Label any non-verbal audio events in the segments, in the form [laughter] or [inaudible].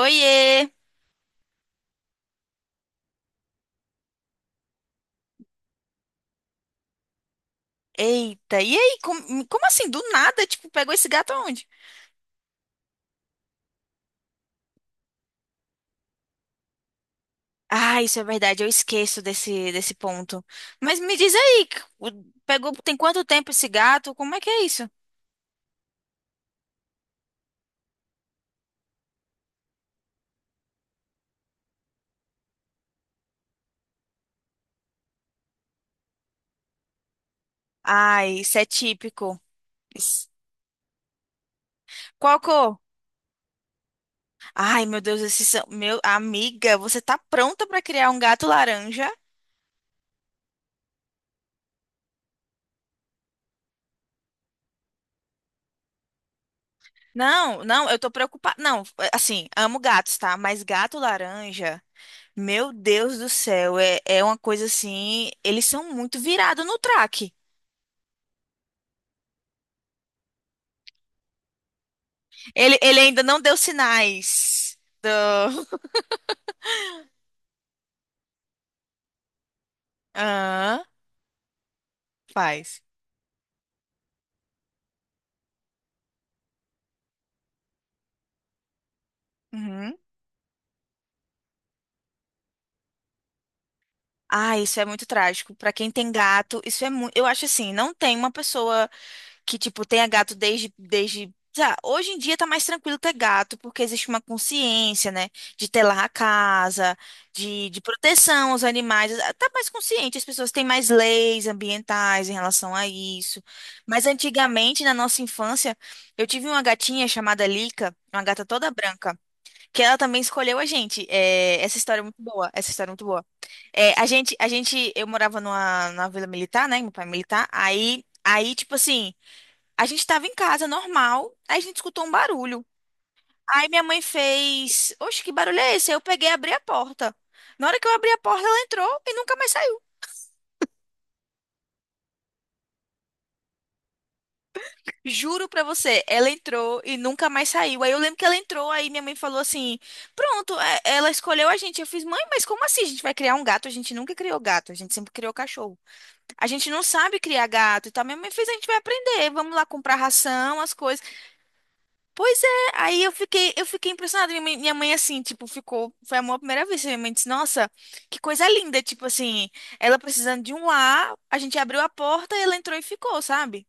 Oiê! Eita, e aí? Como assim? Do nada, tipo, pegou esse gato aonde? Ah, isso é verdade, eu esqueço desse ponto. Mas me diz aí, pegou, tem quanto tempo esse gato? Como é que é isso? Ai, isso é típico. Isso- Qual cor? Ai, meu Deus, esses são, meu, amiga, você tá pronta pra criar um gato laranja? Não, não, eu tô preocupada. Não, assim, amo gatos, tá? Mas gato laranja. Meu Deus do céu, é uma coisa assim. Eles são muito virados no track. Ele ainda não deu sinais do. [laughs] Aham, faz. Uhum. Ah, isso é muito trágico. Pra quem tem gato, isso é muito. Eu acho assim, não tem uma pessoa. Que, tipo, tenha gato desde, sei lá, hoje em dia tá mais tranquilo ter gato, porque existe uma consciência, né? De telar a casa, de proteção aos animais. Ah, tá mais consciente, as pessoas têm mais leis ambientais em relação a isso. Mas antigamente, na nossa infância, eu tive uma gatinha chamada Lica, uma gata toda branca, que ela também escolheu a gente. É, essa história é muito boa, essa história é muito boa. É, a gente, eu morava numa vila militar, né? Meu pai é militar. Aí, tipo assim, a gente tava em casa, normal, aí a gente escutou um barulho. Aí minha mãe fez, oxe, que barulho é esse? Aí eu peguei e abri a porta. Na hora que eu abri a porta, ela entrou e nunca mais saiu. Juro pra você, ela entrou e nunca mais saiu. Aí eu lembro que ela entrou, aí minha mãe falou assim: pronto, ela escolheu a gente. Eu fiz, mãe, mas como assim? A gente vai criar um gato? A gente nunca criou gato, a gente sempre criou cachorro. A gente não sabe criar gato e tal. Minha mãe fez, a gente vai aprender, vamos lá comprar ração, as coisas. Pois é, aí eu fiquei impressionada. Minha mãe, assim, tipo, ficou. Foi amor à primeira vez. Minha mãe disse, nossa, que coisa linda. Tipo assim, ela precisando de um lar, a gente abriu a porta e ela entrou e ficou, sabe?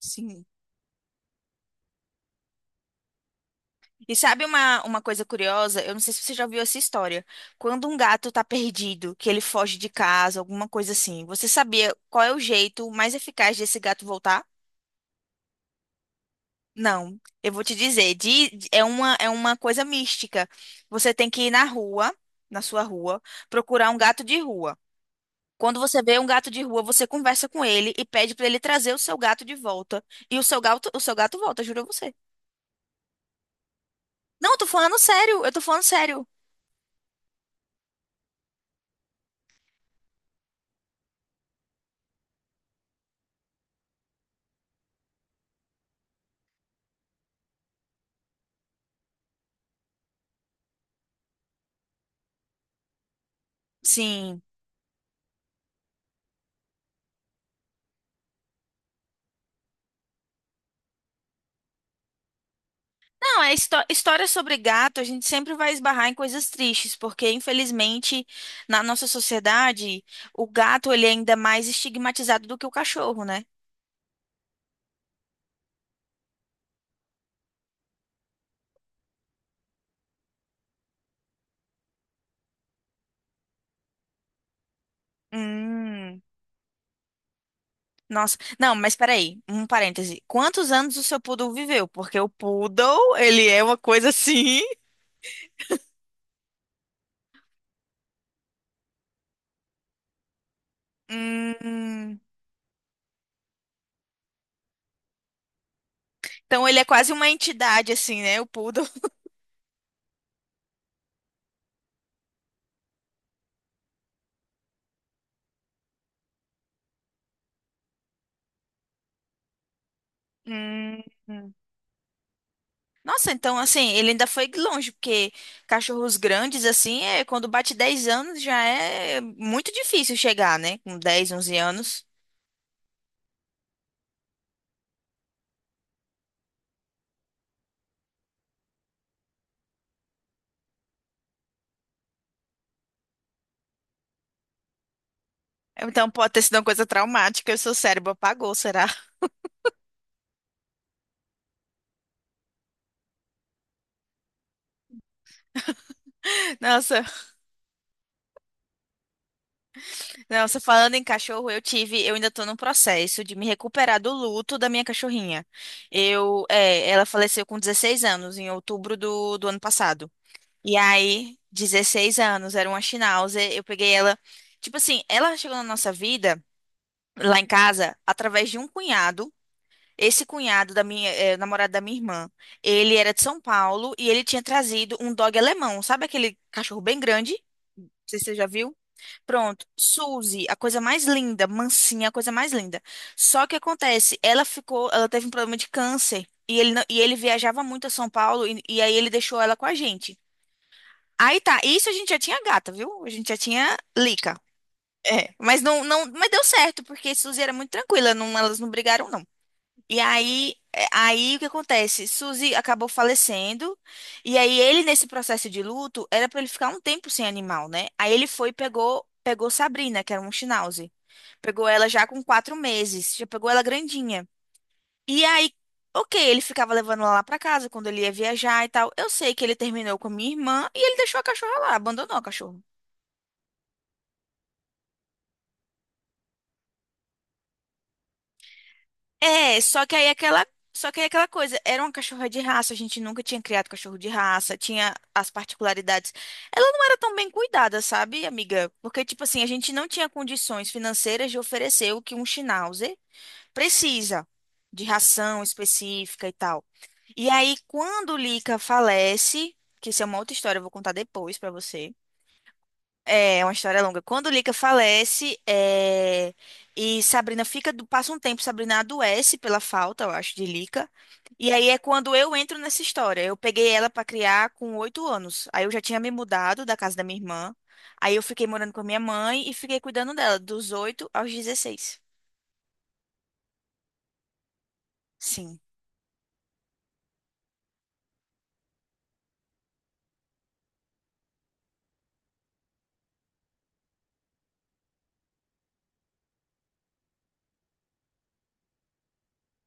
Sim. E sabe uma coisa curiosa? Eu não sei se você já viu essa história. Quando um gato tá perdido, que ele foge de casa, alguma coisa assim, você sabia qual é o jeito mais eficaz desse gato voltar? Não, eu vou te dizer, é uma coisa mística. Você tem que ir na rua, na sua rua, procurar um gato de rua. Quando você vê um gato de rua, você conversa com ele e pede pra ele trazer o seu gato de volta. E o seu gato volta, juro a você. Não, eu tô falando sério, eu tô falando sério. Sim. Não, é história sobre gato, a gente sempre vai esbarrar em coisas tristes, porque infelizmente na nossa sociedade, o gato ele é ainda mais estigmatizado do que o cachorro, né? Hum. Nossa, não, mas peraí, um parêntese. Quantos anos o seu poodle viveu? Porque o poodle, ele é uma coisa assim. Hum, então ele é quase uma entidade, assim, né? O poodle. Hum. Nossa, então assim, ele ainda foi longe, porque cachorros grandes, assim, é, quando bate 10 anos já é muito difícil chegar, né? Com 10, 11 anos. Então pode ter sido uma coisa traumática, o seu cérebro apagou, será? [laughs] Nossa. Não, você falando em cachorro, eu tive, eu ainda tô no processo de me recuperar do luto da minha cachorrinha. Eu, ela faleceu com 16 anos, em outubro do ano passado. E aí, 16 anos, era uma Schnauzer, eu peguei ela, tipo assim, ela chegou na nossa vida, lá em casa, através de um cunhado. Esse cunhado da minha, namorado da minha irmã, ele era de São Paulo e ele tinha trazido um dog alemão, sabe aquele cachorro bem grande? Não sei se você já viu. Pronto, Suzy, a coisa mais linda, mansinha, a coisa mais linda. Só que acontece, ela ficou, ela teve um problema de câncer e ele, não- e ele viajava muito a São Paulo e aí ele deixou ela com a gente. Aí tá, isso a gente já tinha gata, viu? A gente já tinha Lica. É, mas não, não, mas deu certo, porque Suzy era muito tranquila, não, elas não brigaram, não. E aí, aí o que acontece? Suzy acabou falecendo, e aí ele, nesse processo de luto, era pra ele ficar um tempo sem animal, né? Aí ele foi e pegou, pegou Sabrina, que era um Schnauzer. Pegou ela já com 4 meses, já pegou ela grandinha. E aí, ok, ele ficava levando ela lá pra casa quando ele ia viajar e tal. Eu sei que ele terminou com a minha irmã e ele deixou a cachorra lá, abandonou a cachorra. É, só que aí aquela coisa, era uma cachorra de raça, a gente nunca tinha criado cachorro de raça, tinha as particularidades. Ela não era tão bem cuidada, sabe, amiga? Porque, tipo assim, a gente não tinha condições financeiras de oferecer o que um Schnauzer precisa, de ração específica e tal. E aí, quando o Lica falece, que isso é uma outra história, eu vou contar depois pra você. É uma história longa. Quando Lika falece, é, e Sabrina fica, passa um tempo, Sabrina adoece pela falta, eu acho, de Lika. E aí é quando eu entro nessa história. Eu peguei ela pra criar com 8 anos. Aí eu já tinha me mudado da casa da minha irmã. Aí eu fiquei morando com a minha mãe e fiquei cuidando dela dos 8 aos 16. Sim.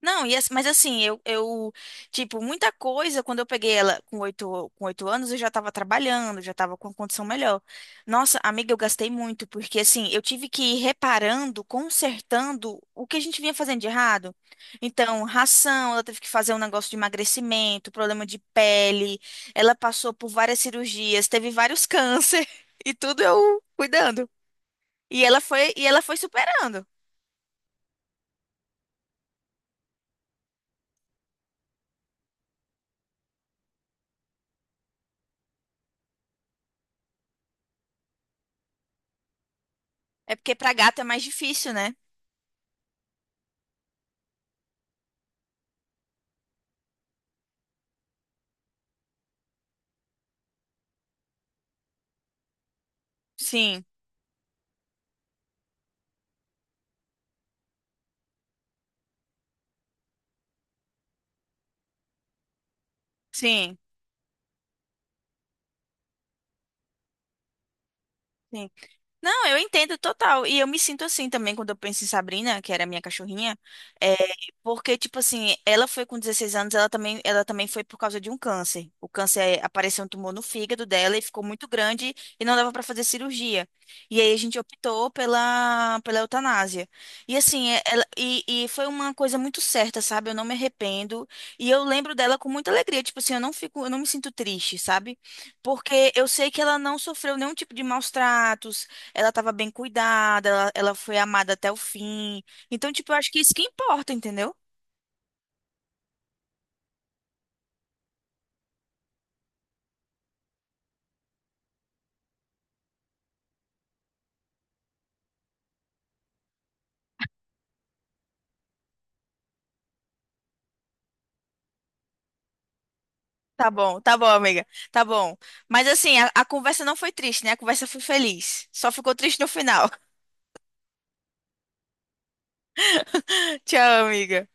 Não, e, mas assim, eu, tipo, muita coisa, quando eu peguei ela com oito anos, eu já tava trabalhando, já tava com uma condição melhor. Nossa, amiga, eu gastei muito, porque assim, eu tive que ir reparando, consertando o que a gente vinha fazendo de errado. Então, ração, ela teve que fazer um negócio de emagrecimento, problema de pele, ela passou por várias cirurgias, teve vários câncer, [laughs] e tudo eu cuidando. E ela foi superando. É porque pra gato é mais difícil, né? Sim, sim. Sim. Não, eu entendo total. E eu me sinto assim também quando eu penso em Sabrina, que era a minha cachorrinha. É, porque, tipo assim, ela foi com 16 anos, ela também foi por causa de um câncer. O câncer é, apareceu um tumor no fígado dela e ficou muito grande e não dava pra fazer cirurgia. E aí a gente optou pela eutanásia. E assim, é- ela, e foi uma coisa muito certa, sabe? Eu não me arrependo. E eu lembro dela com muita alegria. Tipo assim, eu não fico, eu não me sinto triste, sabe? Porque eu sei que ela não sofreu nenhum tipo de maus tratos, ela estava bem cuidada, ela foi amada até o fim. Então, tipo, eu acho que isso que importa, entendeu? Tá bom, amiga. Tá bom. Mas assim, a conversa não foi triste, né? A conversa foi feliz. Só ficou triste no final. [laughs] Tchau, amiga.